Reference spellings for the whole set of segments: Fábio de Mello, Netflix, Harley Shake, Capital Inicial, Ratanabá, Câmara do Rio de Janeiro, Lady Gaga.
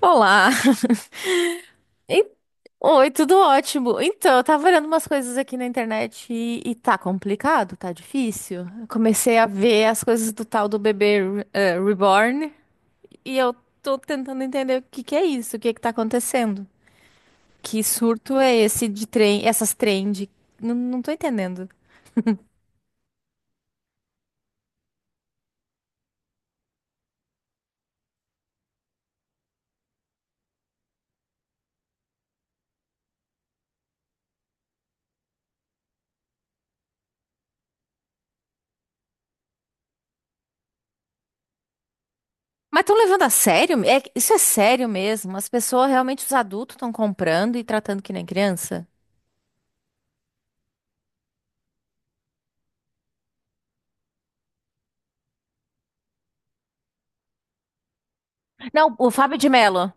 Olá! En- Oi, tudo ótimo. Então, eu tava olhando umas coisas aqui na internet e tá complicado, tá difícil. Eu comecei a ver as coisas do tal do bebê reborn e eu tô tentando entender o que que é isso, o que que tá acontecendo. Que surto é esse de trem, essas trend? Não, não tô entendendo. Mas estão levando a sério? É, isso é sério mesmo? As pessoas realmente, os adultos estão comprando e tratando que nem criança? Não, o Fábio de Mello.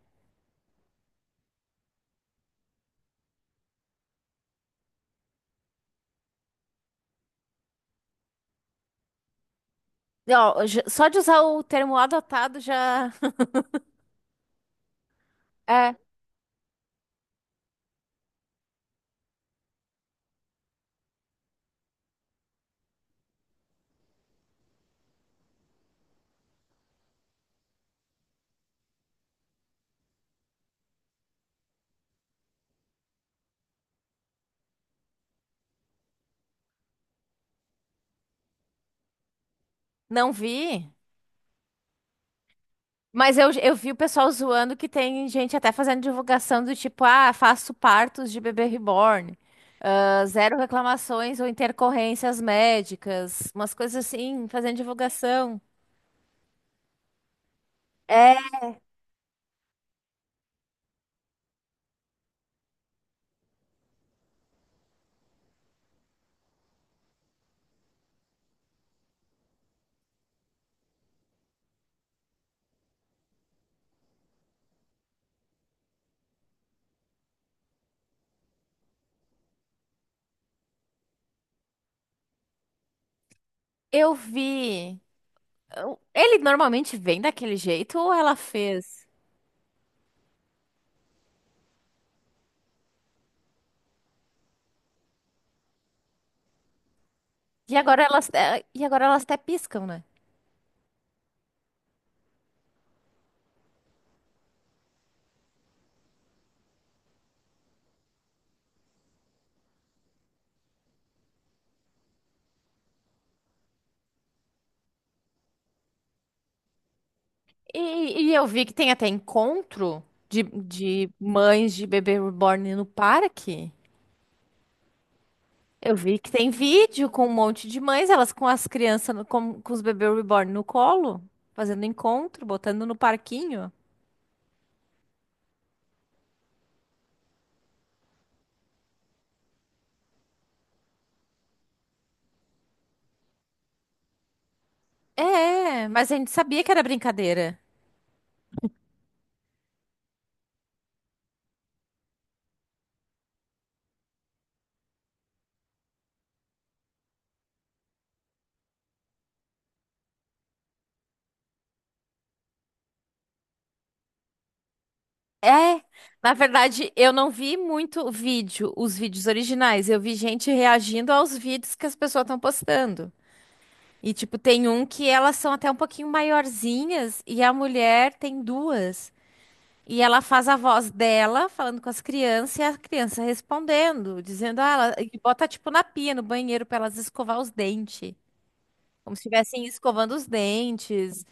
Ó, só de usar o termo adotado já. É, não vi. Mas eu vi o pessoal zoando que tem gente até fazendo divulgação do tipo, ah, faço partos de bebê reborn. Ah, zero reclamações ou intercorrências médicas. Umas coisas assim, fazendo divulgação. É, eu vi. Ele normalmente vem daquele jeito ou ela fez? E agora elas, é, e agora elas até piscam, né? E eu vi que tem até encontro de mães de bebê reborn no parque. Eu vi que tem vídeo com um monte de mães, elas com as crianças, com os bebês reborn no colo, fazendo encontro, botando no parquinho. É, mas a gente sabia que era brincadeira. É, na verdade, eu não vi muito vídeo, os vídeos originais. Eu vi gente reagindo aos vídeos que as pessoas estão postando. E, tipo, tem um que elas são até um pouquinho maiorzinhas e a mulher tem duas. E ela faz a voz dela falando com as crianças e a criança respondendo, dizendo, ah, ela... e bota, tipo, na pia, no banheiro, pra elas escovar os dentes. Como se estivessem escovando os dentes.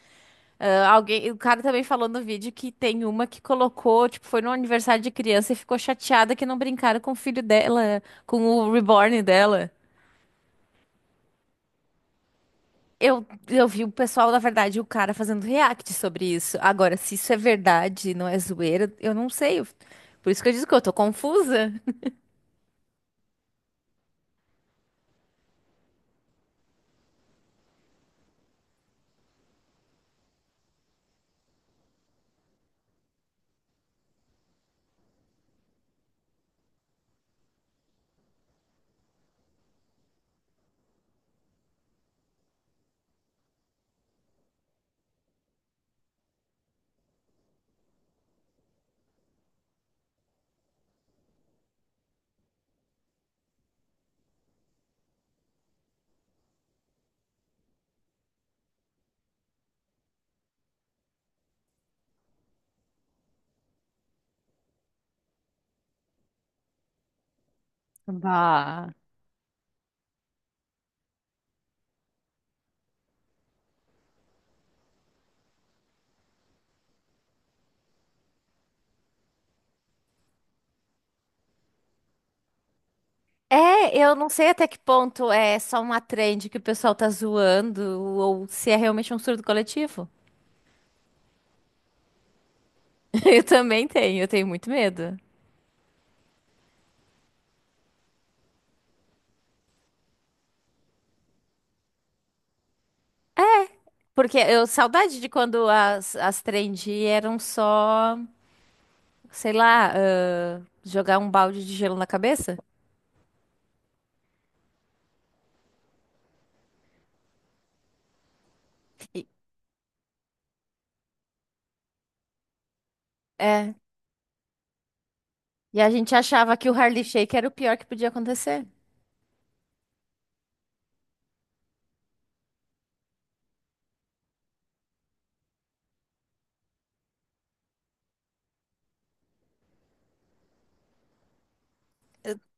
Ah, alguém... O cara também falou no vídeo que tem uma que colocou, tipo, foi no aniversário de criança e ficou chateada que não brincaram com o filho dela, com o reborn dela. Eu vi o pessoal, na verdade, o cara fazendo react sobre isso. Agora, se isso é verdade, não é zoeira, eu não sei. Por isso que eu digo que eu tô confusa. Bah. É, eu não sei até que ponto é só uma trend que o pessoal tá zoando ou se é realmente um surto coletivo. Eu também tenho, eu tenho muito medo. Porque eu saudade de quando as trend eram só, sei lá, ah, jogar um balde de gelo na cabeça. E- É. E a gente achava que o Harley Shake era o pior que podia acontecer.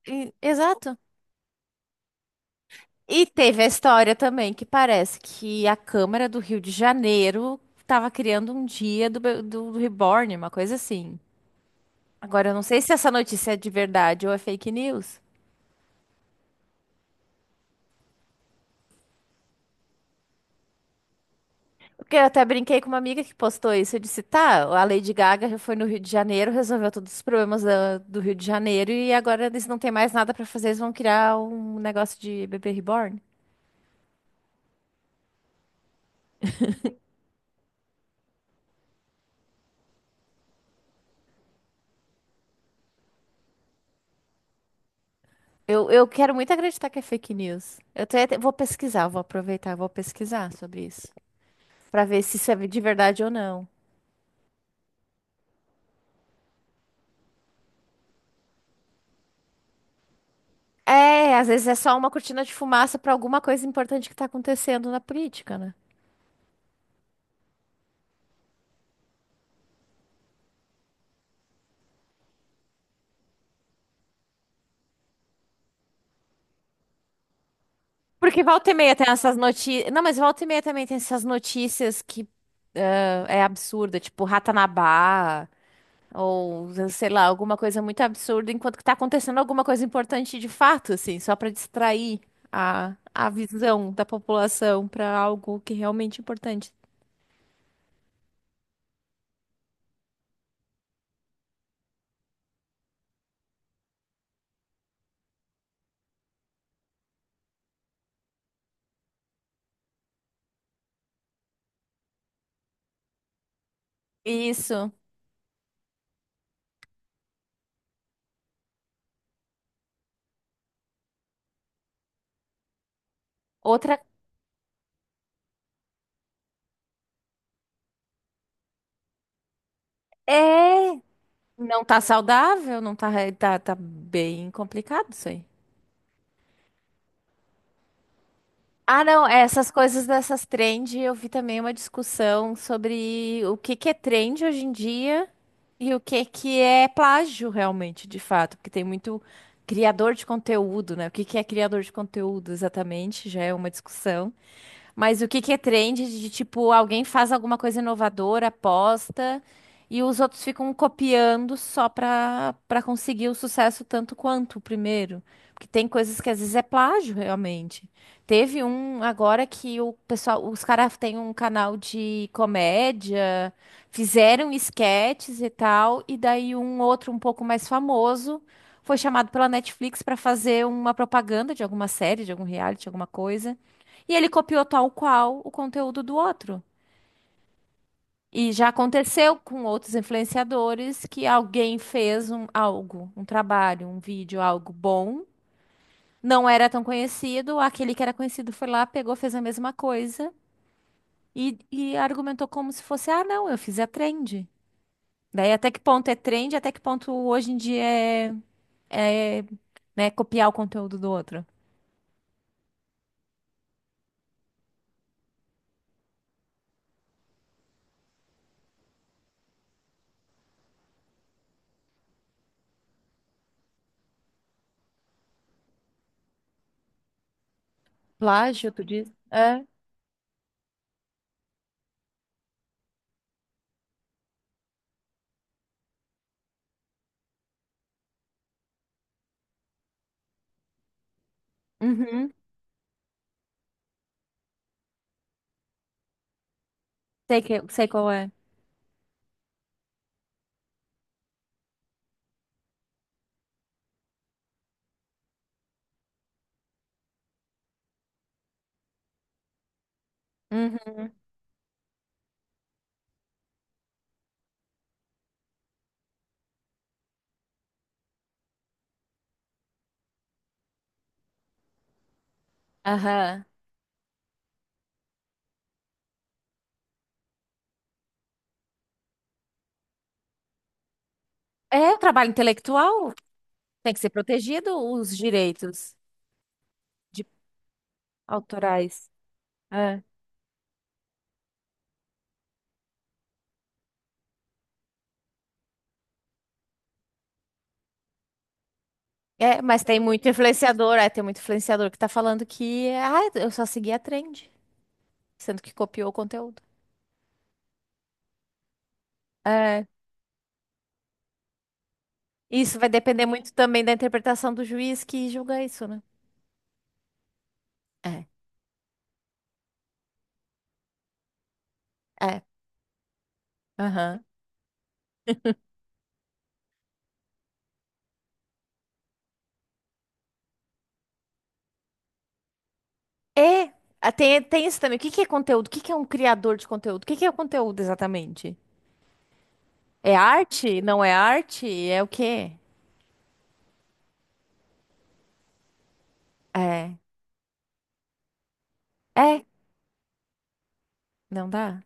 Exato. E teve a história também que parece que a Câmara do Rio de Janeiro estava criando um dia do, do Reborn, uma coisa assim. Agora, eu não sei se essa notícia é de verdade ou é fake news. Porque eu até brinquei com uma amiga que postou isso. Eu disse, tá, a Lady Gaga já foi no Rio de Janeiro, resolveu todos os problemas do Rio de Janeiro e agora eles não têm mais nada para fazer, eles vão criar um negócio de bebê reborn. Eu quero muito acreditar que é fake news. Eu até vou pesquisar, vou aproveitar, vou pesquisar sobre isso. Pra ver se isso é de verdade ou não. É, às vezes é só uma cortina de fumaça pra alguma coisa importante que tá acontecendo na política, né? Porque volta e meia tem essas notícias. Não, mas volta e meia também tem essas notícias que ah, é absurda, tipo Ratanabá. Ou, sei lá, alguma coisa muito absurda enquanto que tá acontecendo alguma coisa importante de fato, assim, só pra distrair a visão da população pra algo que é realmente importante. Isso. Outra é não tá saudável, não tá, tá, tá bem complicado isso aí. Ah, não, é, essas coisas dessas trend, eu vi também uma discussão sobre o que que é trend hoje em dia e o que que é plágio realmente, de fato, porque tem muito criador de conteúdo, né? O que que é criador de conteúdo exatamente, já é uma discussão. Mas o que que é trend de tipo, alguém faz alguma coisa inovadora, posta e os outros ficam copiando só pra conseguir o sucesso tanto quanto o primeiro. Porque tem coisas que às vezes é plágio, realmente. Teve um agora que o pessoal, os caras têm um canal de comédia, fizeram esquetes e tal, e daí um outro um pouco mais famoso foi chamado pela Netflix pra fazer uma propaganda de alguma série, de algum reality, alguma coisa. E ele copiou tal qual o conteúdo do outro. E já aconteceu com outros influenciadores que alguém fez um, algo, um trabalho, um vídeo, algo bom, não era tão conhecido, aquele que era conhecido foi lá, pegou, fez a mesma coisa e argumentou como se fosse, ah, não, eu fiz a trend. Daí até que ponto é trend, até que ponto hoje em dia é, né, copiar o conteúdo do outro. Plágio, tu diz? É. Uhum. Sei que, sei qual é. Uhum. Aham. É o trabalho intelectual, tem que ser protegido os direitos de autorais. É. É, mas tem muito influenciador, é, tem muito influenciador que tá falando que, ah, eu só segui a trend, sendo que copiou o conteúdo. É. Isso vai depender muito também da interpretação do juiz que julga isso, né? É, é. Aham. É, ah, tem, tem isso também. O que que é conteúdo? O que que é um criador de conteúdo? O que que é o conteúdo exatamente? É arte? Não é arte? É o quê? É. É, não dá.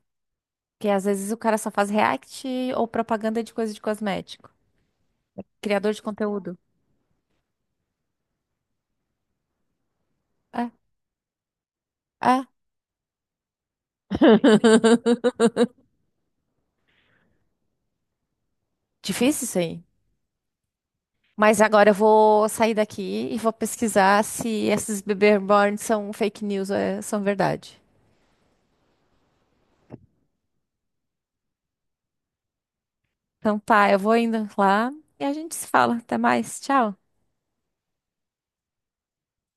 Porque às vezes o cara só faz react ou propaganda de coisa de cosmético. Criador de conteúdo. É, é. Difícil isso aí. Mas agora eu vou sair daqui e vou pesquisar se esses bebê reborn são fake news ou são verdade. Então tá, eu vou indo lá e a gente se fala. Até mais. Tchau.